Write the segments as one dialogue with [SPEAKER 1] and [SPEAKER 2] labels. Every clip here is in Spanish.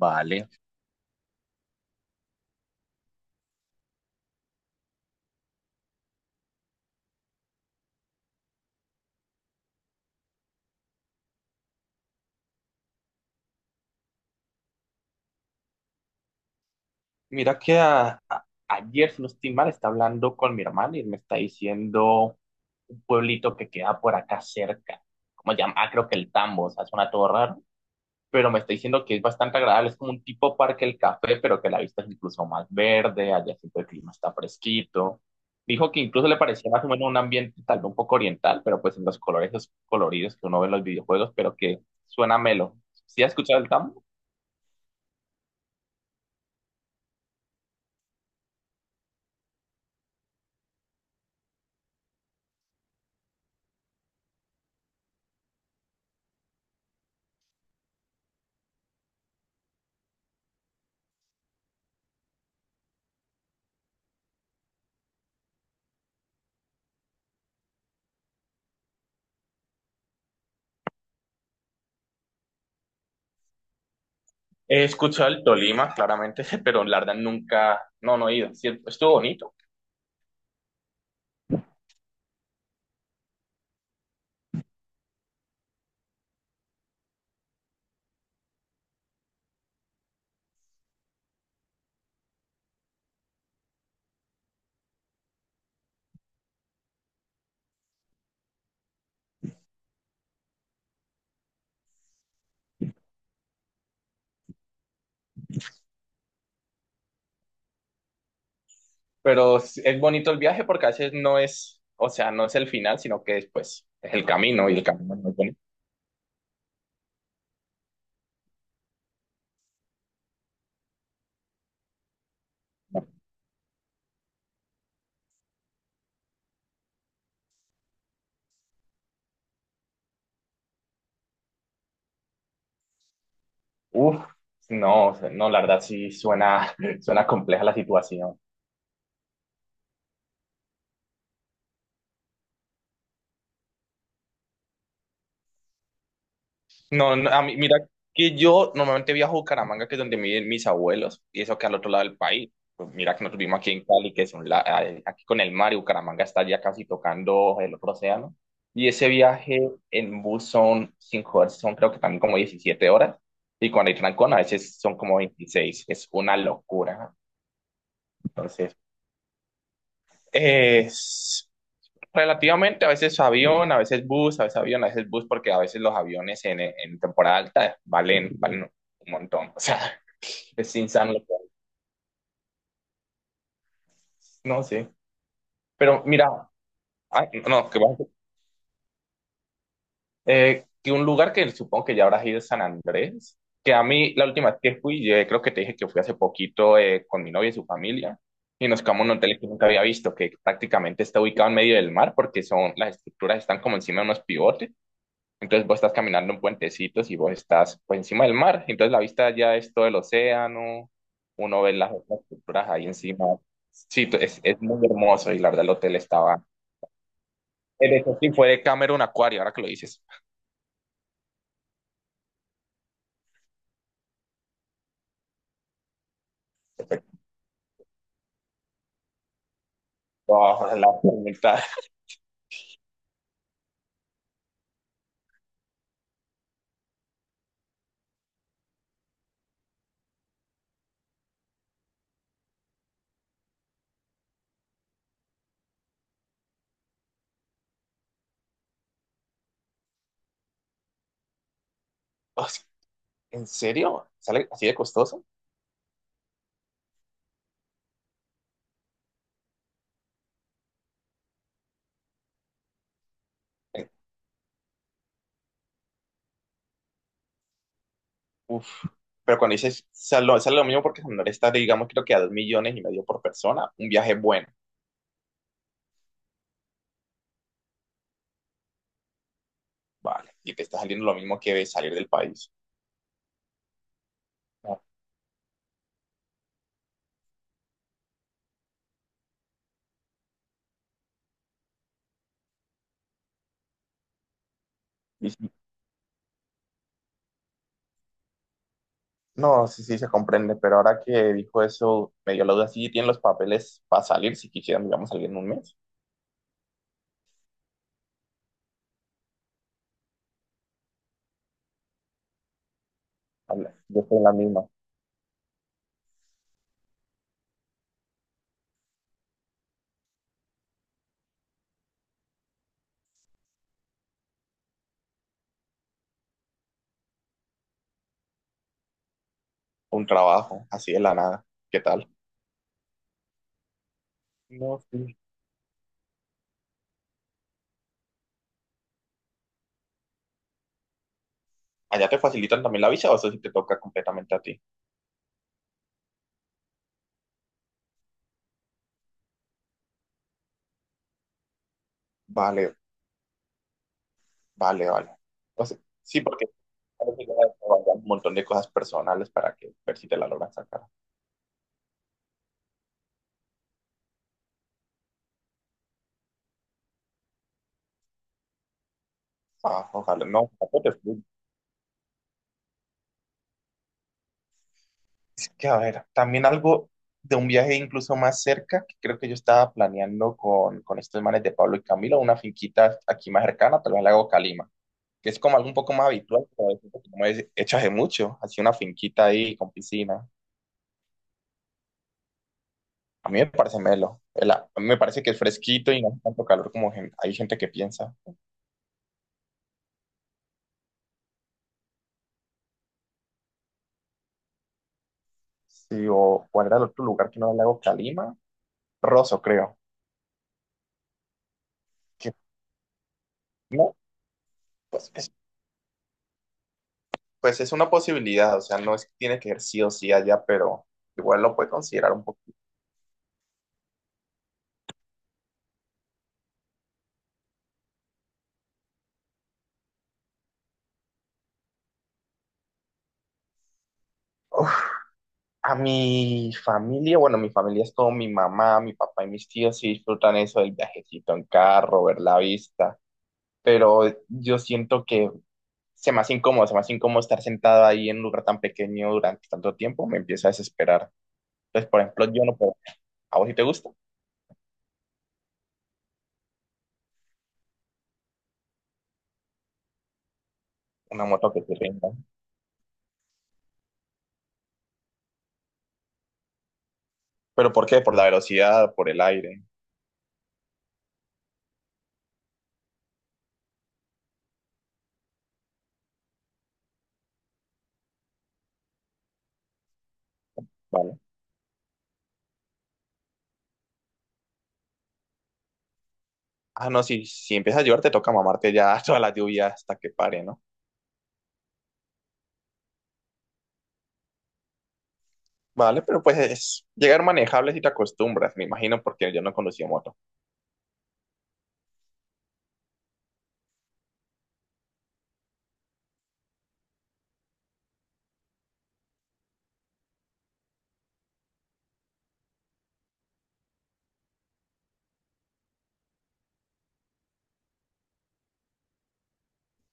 [SPEAKER 1] Vale. Mira que ayer, si no estoy mal, está hablando con mi hermana y me está diciendo un pueblito que queda por acá cerca. ¿Cómo se llama? Ah, creo que el Tambo, o sea, suena todo raro. Pero me está diciendo que es bastante agradable, es como un tipo parque el café, pero que la vista es incluso más verde, allá siempre el clima está fresquito. Dijo que incluso le parecía más o menos un ambiente tal vez un poco oriental, pero pues en los colores esos coloridos que uno ve en los videojuegos, pero que suena melo. ¿Sí has escuchado el Tambo? He escuchado el Tolima, claramente, pero la verdad nunca, no, no he ido. Sí, estuvo bonito, pero es bonito el viaje porque a veces no es, o sea, no es el final, sino que después es el camino y el camino es muy bonito. Uf, no, o sea, no, la verdad sí suena, suena compleja la situación. No, no, a mí, mira que yo normalmente viajo a Bucaramanga, que es donde viven mis abuelos, y eso que al otro lado del país. Pues mira que nosotros vivimos aquí en Cali, que es un aquí con el mar, y Bucaramanga está ya casi tocando el otro océano. Y ese viaje en bus son 5 horas, son creo que también como 17 horas, y cuando hay trancón a veces son como 26, es una locura. Entonces, eh, relativamente, a veces avión, a veces bus, a veces avión, a veces bus, porque a veces los aviones en temporada alta valen, valen un montón. O sea, es insano hacen. No sé. Pero mira, ay, no, que un lugar que supongo que ya habrás ido es San Andrés, que a mí la última vez que fui, yo creo que te dije que fui hace poquito con mi novia y su familia, y nos quedamos en un hotel que nunca había visto, que prácticamente está ubicado en medio del mar, porque son, las estructuras están como encima de unos pivotes. Entonces vos estás caminando en puentecitos y vos estás pues encima del mar. Entonces la vista ya es todo el océano, uno ve las otras culturas ahí encima. Sí, es muy hermoso y la verdad el hotel estaba... En eso sí fue de Cameron Aquarium, ahora que lo dices. Oh, la mitad. O sea, ¿en serio? ¿Sale así de costoso? Eh, Uf. Pero cuando dices, sale, sale lo mismo porque Santander está, digamos, creo que a 2,5 millones por persona, un viaje bueno. Vale, y te está saliendo lo mismo que salir del país. No, sí, sí, se comprende, pero ahora que dijo eso, me dio la duda, ¿sí tienen los papeles para salir si quisieran, digamos, salir en un mes? Habla, yo estoy en la misma, un trabajo, así de la nada, ¿qué tal? No, sí. ¿Allá te facilitan también la visa o eso sí te toca completamente a ti? Vale, vale, vale. O sea, sí, porque hay que ya un montón de cosas personales para que ver si te la logran sacar. Ah, ojalá, no, tampoco te... Es que, a ver, también algo de un viaje incluso más cerca, que creo que yo estaba planeando con estos manes de Pablo y Camilo, una finquita aquí más cercana, tal al lago Calima, que es como algo un poco más habitual, pero es algo que no es hecho hace mucho, así una finquita ahí con piscina. A mí me parece melo, el a mí me parece que es fresquito y no hace tanto calor como hay gente que piensa. Sí, ¿o cuál era el otro lugar que no era el lago Calima? Rosso, creo. Que, no, pues... Pues es una posibilidad, o sea, no es que tiene que ir sí o sí allá, pero igual lo puede considerar un poquito. Uf, a mi familia, bueno, mi familia es todo mi mamá, mi papá y mis tíos sí disfrutan eso del viajecito en carro, ver la vista, pero yo siento que se me hace incómodo, se me hace incómodo estar sentado ahí en un lugar tan pequeño durante tanto tiempo, me empieza a desesperar. Entonces, por ejemplo, yo no puedo, ¿a vos si te gusta? Una moto que te rinda. ¿Pero por qué? ¿Por la velocidad, por el aire? ¿Vale? Ah, no, si, si empiezas a llover te toca mamarte ya toda la lluvia hasta que pare, ¿no? Vale, pero pues es llegar manejable si te acostumbras, me imagino, porque yo no conducía moto.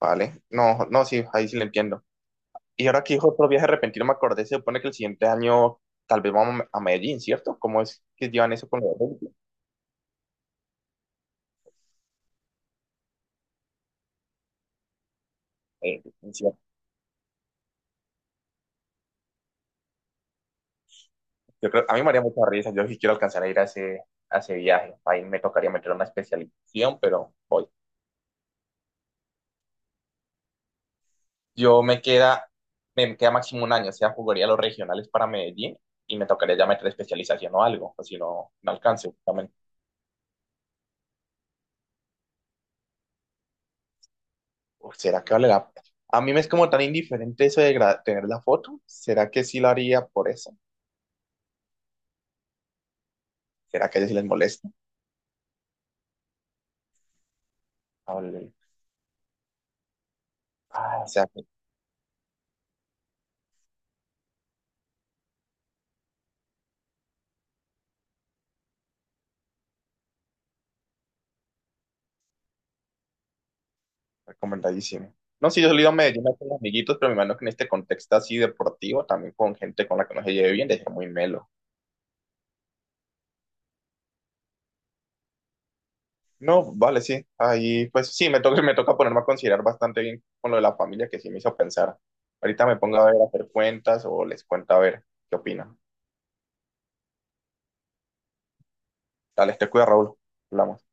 [SPEAKER 1] Vale, no, no, sí, ahí sí lo entiendo. Y ahora que dijo otro viaje repentino, me acordé, se supone que el siguiente año tal vez vamos a a Medellín, ¿cierto? ¿Cómo es que llevan eso con los eh, sí, yo creo, a mí me haría mucha risa, yo sí quiero alcanzar a ir a a ese viaje. Ahí me tocaría meter una especialización, pero voy. Yo me queda, me queda máximo un año, o sea, jugaría los regionales para Medellín y me tocaría ya meter especialización o algo, o si no, no alcance. Justamente. Uf, ¿será que vale la pena? A mí me es como tan indiferente eso de tener la foto. ¿Será que sí lo haría por eso? ¿Será que a ellos sí les molesta? Hable-. Ah, o sea, que recomendadísimo. No, sí, yo he salido a Medellín con amiguitos, pero me imagino que en este contexto así deportivo, también con gente con la que no se lleve bien, de ser muy melo. No, vale, sí. Ahí, pues sí, me toca, me toca ponerme a considerar bastante bien con lo de la familia que sí me hizo pensar. Ahorita me pongo a ver, a hacer cuentas o les cuento a ver qué opina. Dale, te cuida, Raúl. Hablamos.